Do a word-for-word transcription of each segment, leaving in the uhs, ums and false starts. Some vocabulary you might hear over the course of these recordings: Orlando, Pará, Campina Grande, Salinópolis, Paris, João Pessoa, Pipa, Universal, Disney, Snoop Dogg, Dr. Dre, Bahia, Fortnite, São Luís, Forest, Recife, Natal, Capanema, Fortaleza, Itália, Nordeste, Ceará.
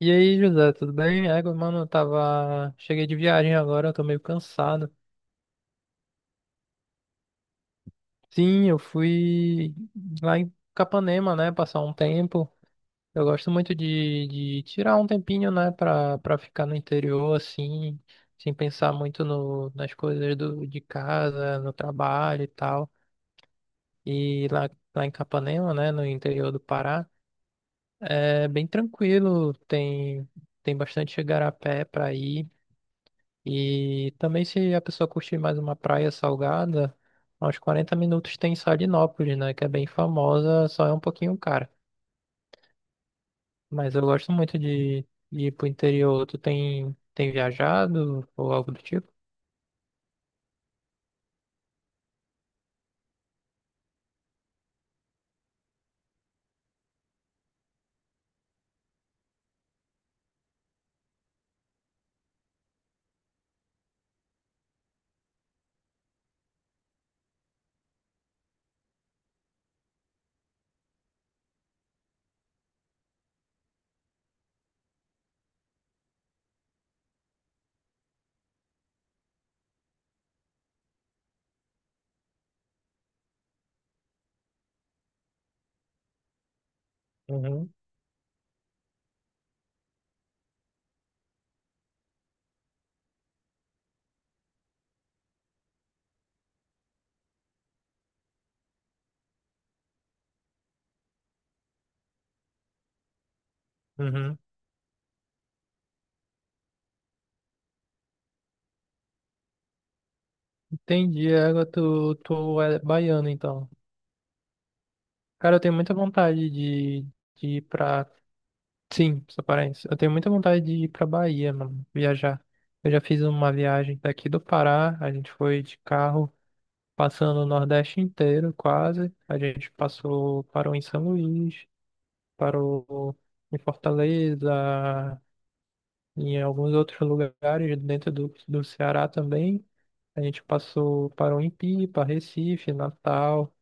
E aí, José, tudo bem? É, mano, eu tava. Cheguei de viagem agora, eu tô meio cansado. Sim, eu fui lá em Capanema, né? Passar um tempo. Eu gosto muito de, de tirar um tempinho, né? Pra, pra ficar no interior, assim, sem pensar muito no, nas coisas do, de casa, no trabalho e tal. E lá, lá em Capanema, né? No interior do Pará, é bem tranquilo, tem, tem bastante igarapé pra ir. E também se a pessoa curtir mais uma praia salgada, a uns quarenta minutos tem Salinópolis, né? Que é bem famosa, só é um pouquinho cara. Mas eu gosto muito de, de ir pro interior. Tu tem, tem viajado ou algo do tipo? Uhum, uhum. Entendi, agora tu, tu é baiano, então. Cara, eu tenho muita vontade de, de ir pra... Sim, sou paraense. Eu tenho muita vontade de ir pra Bahia, mano, viajar. Eu já fiz uma viagem daqui do Pará, a gente foi de carro, passando o Nordeste inteiro, quase. A gente passou, parou em São Luís, parou em Fortaleza, em alguns outros lugares dentro do, do Ceará também. A gente passou, parou em Pipa, Recife, Natal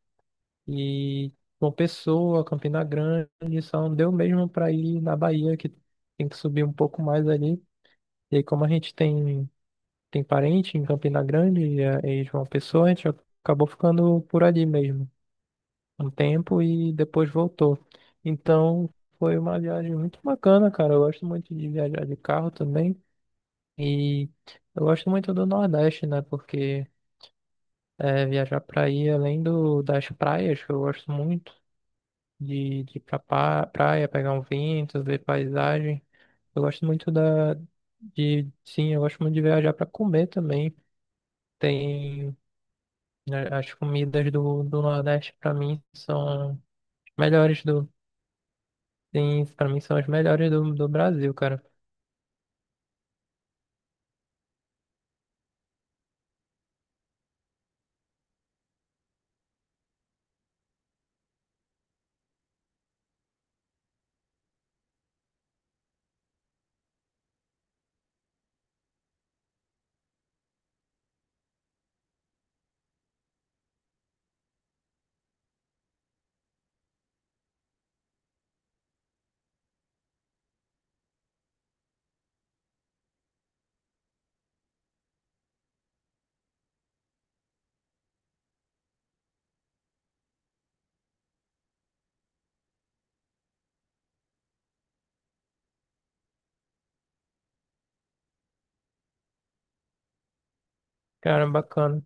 e João Pessoa, Campina Grande, só não deu mesmo para ir na Bahia, que tem que subir um pouco mais ali. E aí, como a gente tem, tem parente em Campina Grande e, eh, e João Pessoa, a gente acabou ficando por ali mesmo um tempo e depois voltou. Então foi uma viagem muito bacana, cara. Eu gosto muito de viajar de carro também. E eu gosto muito do Nordeste, né? Porque é, viajar pra aí, além do, das praias, que eu gosto muito de, de ir pra pa- praia, pegar um vento, ver paisagem. Eu gosto muito da, de, sim, eu gosto muito de viajar pra comer também. Tem, né, as comidas do, do Nordeste pra mim são melhores. Sim, pra mim são as melhores do, do Brasil, cara. Cara, bacana.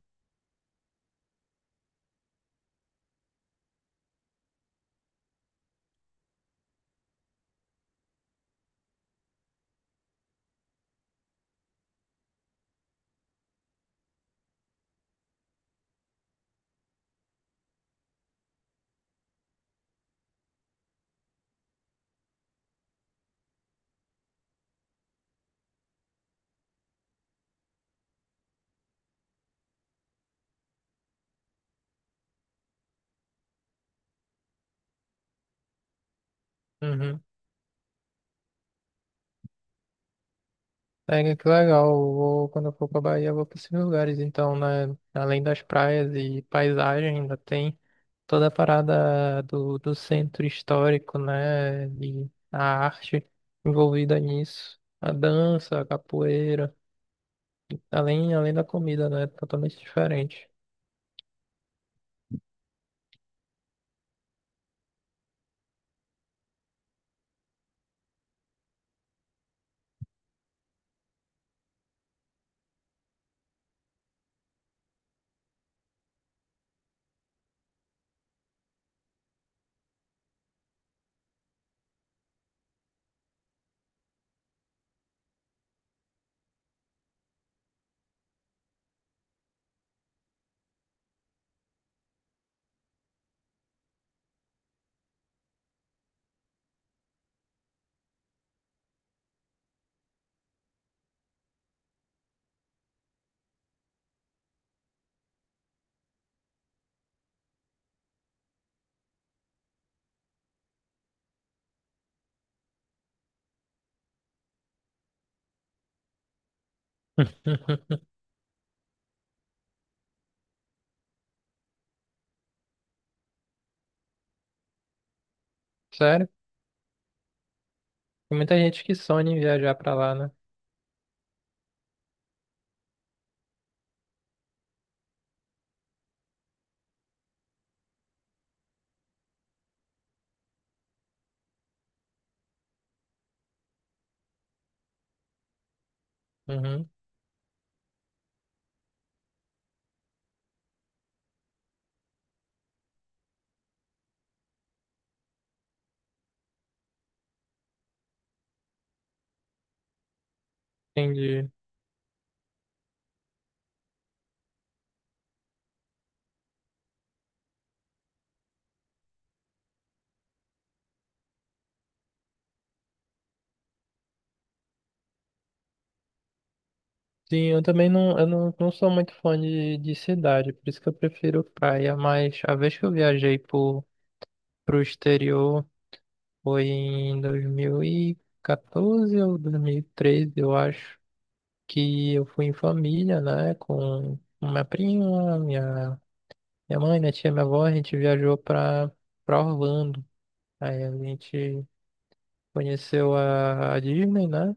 Uhum. É, que legal. Eu vou, quando eu for pra Bahia, eu vou pra esses lugares. Então, né, além das praias e paisagem, ainda tem toda a parada do, do centro histórico, né? E a arte envolvida nisso. A dança, a capoeira. Além, além da comida, né? Totalmente diferente. Sério? Tem muita gente que sonha em viajar pra lá, né? Uhum. Entendi. Sim, eu também não, eu não, não sou muito fã de, de cidade, por isso que eu prefiro praia, mas a vez que eu viajei pro, pro exterior foi em dois mil e quatorze ou dois mil e treze, eu acho, que eu fui em família, né, com minha prima, minha, minha mãe, minha tia, minha avó. A gente viajou pra, pra Orlando, aí a gente conheceu a, a Disney, né,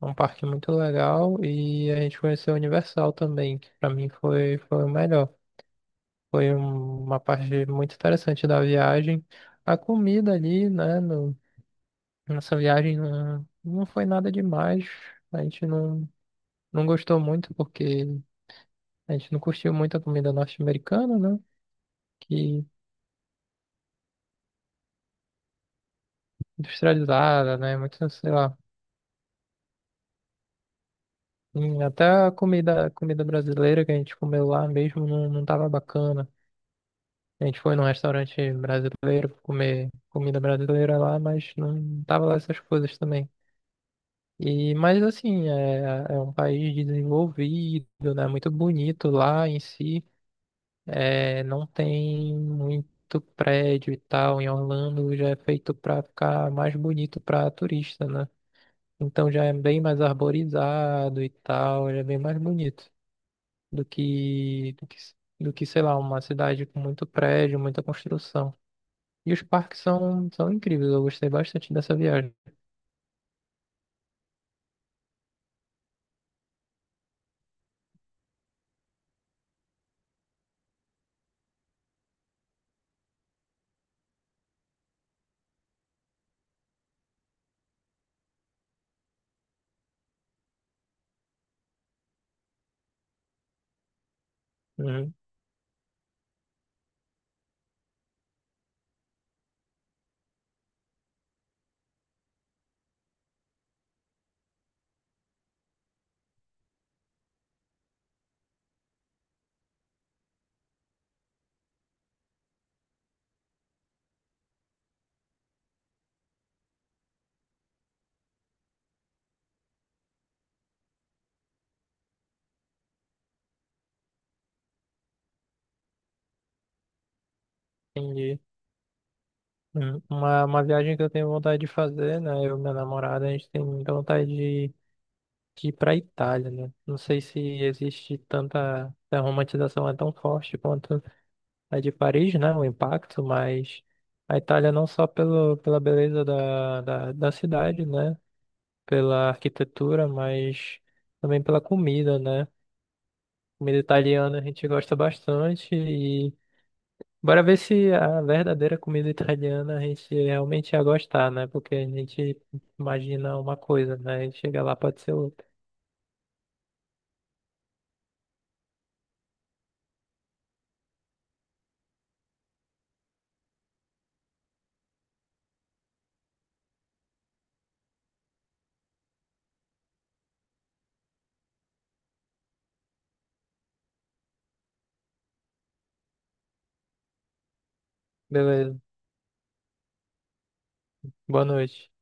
um parque muito legal, e a gente conheceu a Universal também, que pra mim foi, foi o melhor. Foi um- uma parte muito interessante da viagem. A comida ali, né? No- nossa viagem não, não foi nada demais. A gente não, não gostou muito porque a gente não curtiu muito a comida norte-americana, né? Que industrializada, né? Muito, sei lá. Hum, Até a comida, a comida brasileira que a gente comeu lá mesmo não, não tava bacana. A gente foi num restaurante brasileiro comer comida brasileira lá, mas não tava lá essas coisas também. E, mas assim, é, é um país desenvolvido, né? Muito bonito lá em si. É, não tem muito prédio e tal. Em Orlando já é feito para ficar mais bonito para turista, né? Então já é bem mais arborizado e tal, já é bem mais bonito do que, do que, do que, sei lá, uma cidade com muito prédio, muita construção. E os parques são, são incríveis, eu gostei bastante dessa viagem. Uhum, entendi. Hum, Uma, uma viagem que eu tenho vontade de fazer, né? Eu e minha namorada, a gente tem muita vontade de, de ir pra Itália, né? Não sei se existe tanta... A romantização é tão forte quanto a de Paris, né? O impacto, mas a Itália não só pelo, pela beleza da, da, da cidade, né? Pela arquitetura, mas também pela comida, né? Comida italiana a gente gosta bastante. Bora ver se a verdadeira comida italiana a gente realmente ia gostar, né? Porque a gente imagina uma coisa, né? E chega lá, pode ser outra. Beleza. Boa noite.